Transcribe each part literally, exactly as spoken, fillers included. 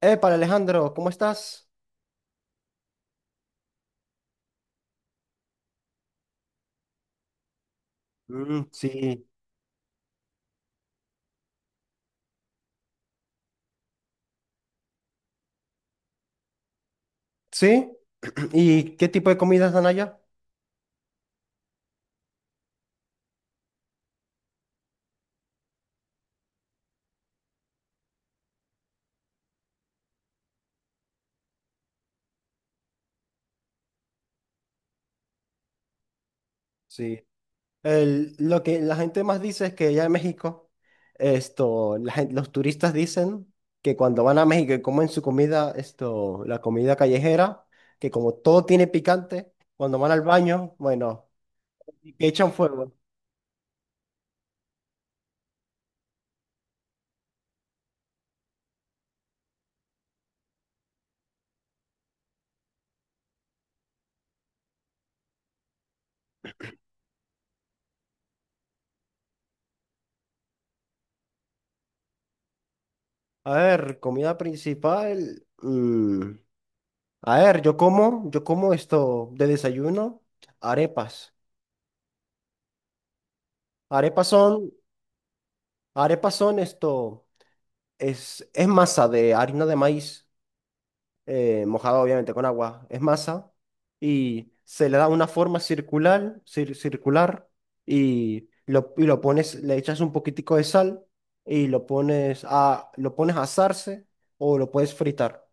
Epa, Alejandro, ¿cómo estás? Mm, sí. ¿Sí? ¿Y qué tipo de comidas dan allá? Sí. El- lo que la gente más dice es que allá en México, esto, la gen- los turistas dicen que cuando van a México y comen su comida, esto, la comida callejera, que como todo tiene picante, cuando van al baño, bueno, que echan fuego. A ver, comida principal. Mm, a ver, yo como, yo como esto de desayuno, arepas. Arepas son Arepas son esto, es, es masa de harina de maíz, eh, mojada obviamente con agua, es masa y se le da una forma circular, cir- circular y lo, y lo pones, le echas un poquitico de sal y lo pones a, lo pones a asarse o lo puedes fritar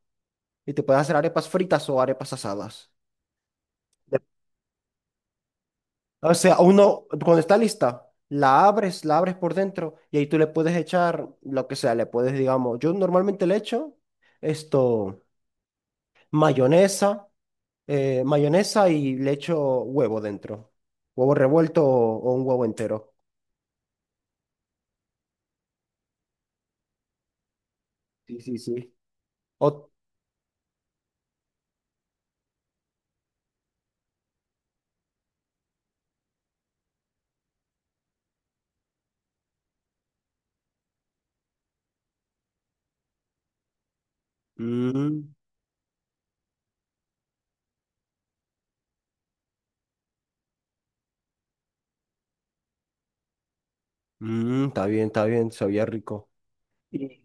y te puedes hacer arepas fritas o arepas asadas. O sea, uno, cuando está lista, la abres, la abres por dentro y ahí tú le puedes echar lo que sea, le puedes, digamos, yo normalmente le echo esto, mayonesa, eh, mayonesa y le echo huevo dentro, huevo revuelto o, o un huevo entero. Sí, sí, sí. O, mm, mm, Está bien, está bien, sabía rico. Y,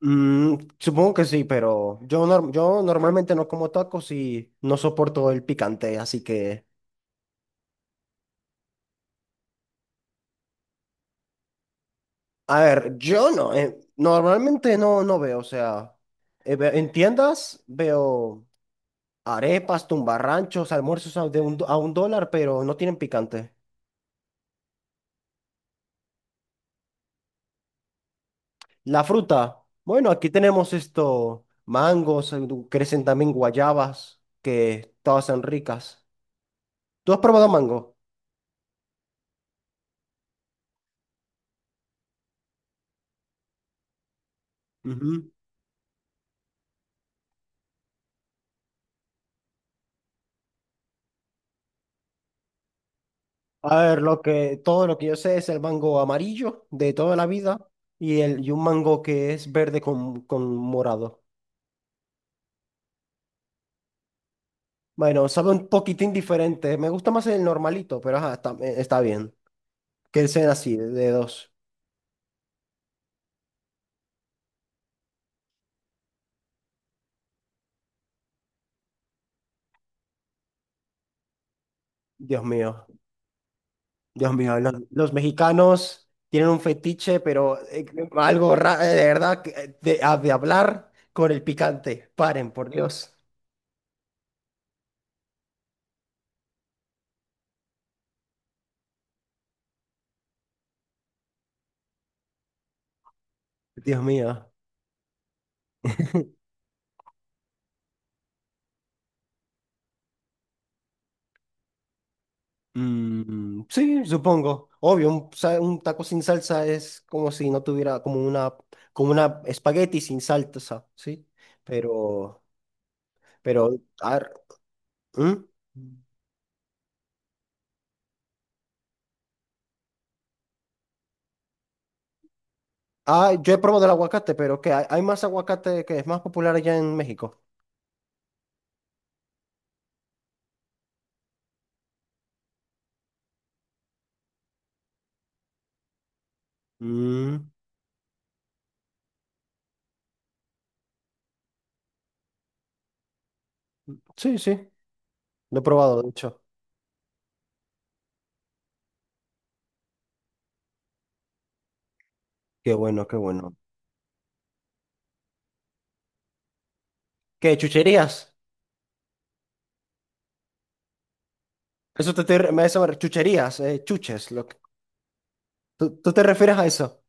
mm, Supongo que sí, pero yo, nor, yo normalmente no como tacos y no soporto el picante, así que... A ver, yo no, eh, normalmente no, no veo, o sea, eh, ve- en tiendas veo arepas, tumbarranchos, almuerzos a, de un, do- a un dólar, pero no tienen picante. La fruta, bueno, aquí tenemos esto, mangos, eh, du- crecen también guayabas, que todas son ricas. ¿Tú has probado mango? Ujú. A ver, lo que, todo lo que yo sé es el mango amarillo de toda la vida y, el, y un mango que es verde con, con morado. Bueno, sabe un poquitín diferente. Me gusta más el normalito, pero ajá, está, eh, está bien. Que sean así, de, de dos. Dios mío, Dios mío. Los, los mexicanos tienen un fetiche, pero eh, algo raro, de verdad, que, eh, de, ah, de hablar con el picante. Paren, por Dios. Dios mío. Mm, sí, supongo. Obvio, un, sa- un taco sin salsa es como si no tuviera como una, como una espagueti sin salsa, ¿sí? Pero, pero, ar- ¿Mm? Ah, yo he probado el aguacate, pero que hay, hay más aguacate que es más popular allá en México. Mm, sí, sí, lo he probado, de hecho. Qué bueno, qué bueno. ¿Qué, chucherías? Eso te, estoy re- me- eso me- Chucherías, eh, chuches. Lo que- ¿tú, tú te refieres a eso?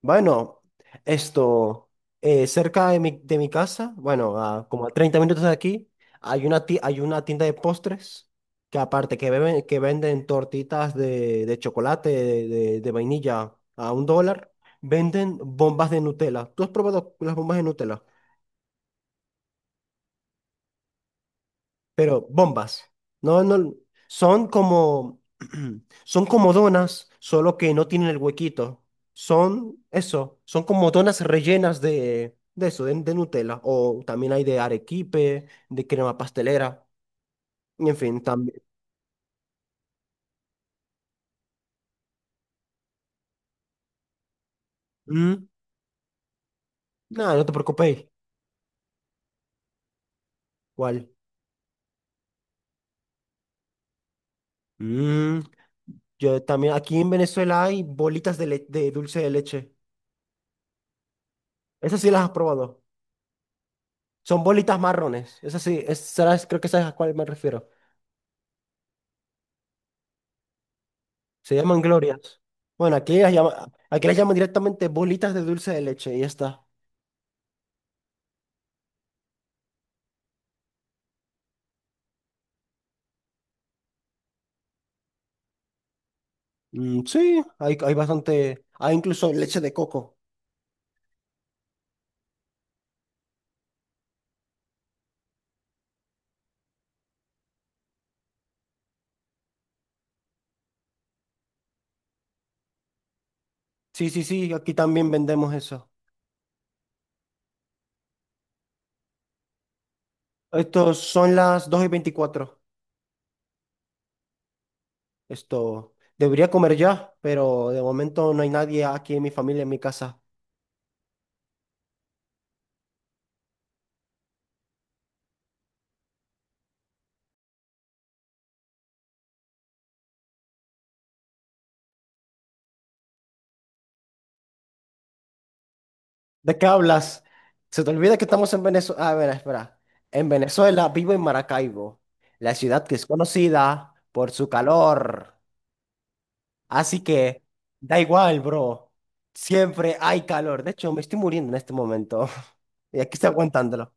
Bueno, esto, eh, cerca de mi, de mi casa, bueno, a como a treinta minutos de aquí, hay una, ti- hay una tienda de postres que aparte que, beben- que venden tortitas de, de chocolate, de, de- de vainilla a un dólar, venden bombas de Nutella. ¿Tú has probado las bombas de Nutella? Pero bombas. No, no, son como, son como donas, solo que no tienen el huequito. Son eso, son como donas rellenas de, de eso, de, de Nutella. O también hay de arequipe, de crema pastelera. Y en fin, también. Mm. Nada, no te preocupes. ¿Cuál? Mm, yo también, aquí en Venezuela hay bolitas de, le- de dulce de leche. Esas sí las has probado. Son bolitas marrones. Esas sí, es- será- creo que sabes a cuál me refiero. Se llaman glorias. Bueno, aquí las llama, aquí las llaman directamente bolitas de dulce de leche y ya está. Mm, sí, hay, hay bastante. Hay incluso leche de coco. Sí, sí, sí, aquí también vendemos eso. Estos son las dos y veinticuatro. Esto Debería comer ya, pero de momento no hay nadie aquí en mi familia, en mi casa. ¿De qué hablas? Se te olvida que estamos en Venezuela. A ver, espera. En Venezuela vivo en Maracaibo, la ciudad que es conocida por su calor. Así que da igual, bro. Siempre hay calor. De hecho, me estoy muriendo en este momento. Y aquí estoy aguantándolo.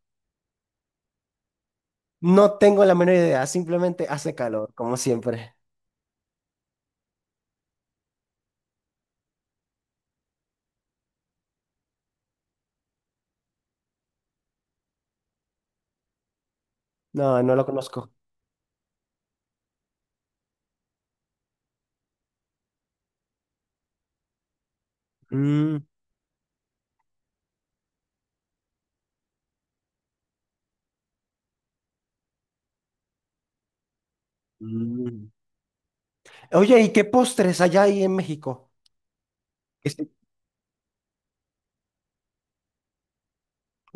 No tengo la menor idea. Simplemente hace calor, como siempre. No, no lo conozco. Mm, mm. Oye, ¿y qué postres allá hay en México? Este,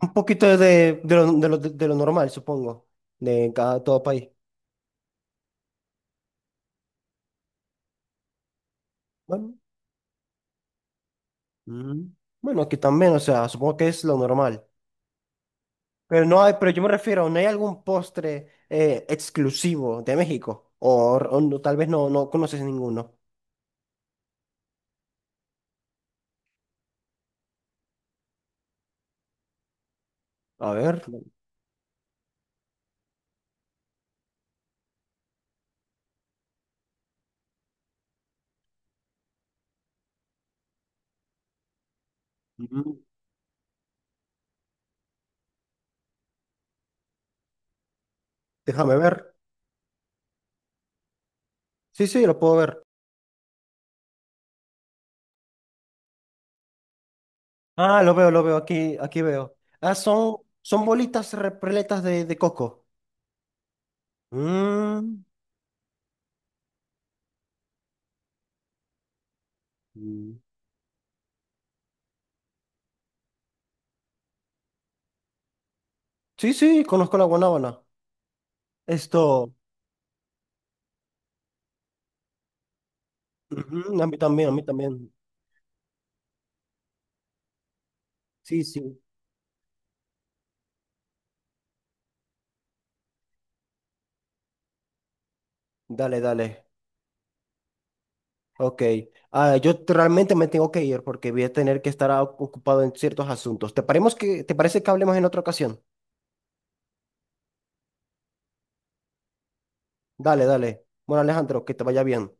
Un poquito de, de lo, de lo- de lo normal, supongo, de cada todo país. Bueno, mm. Bueno, aquí también, o sea, supongo que es lo normal. Pero no hay, pero yo me refiero, ¿no hay algún postre eh, exclusivo de México? O, o no- Tal vez no, no conoces ninguno. A ver, mm, déjame ver. Sí, sí, lo puedo ver. Ah, lo veo, lo veo, aquí, aquí veo. Ah, son, son bolitas repletas de, de coco. Mm, mm. Sí, sí, conozco la guanábana. Esto, ujú, a mí también, a mí también. Sí, sí. Dale, dale. Ok. Ah, yo te- realmente me tengo que ir porque voy a tener que estar ah, ocupado en ciertos asuntos. ¿Te paremos que, ¿te parece que hablemos en otra ocasión? Dale, dale. Bueno, Alejandro, que te vaya bien.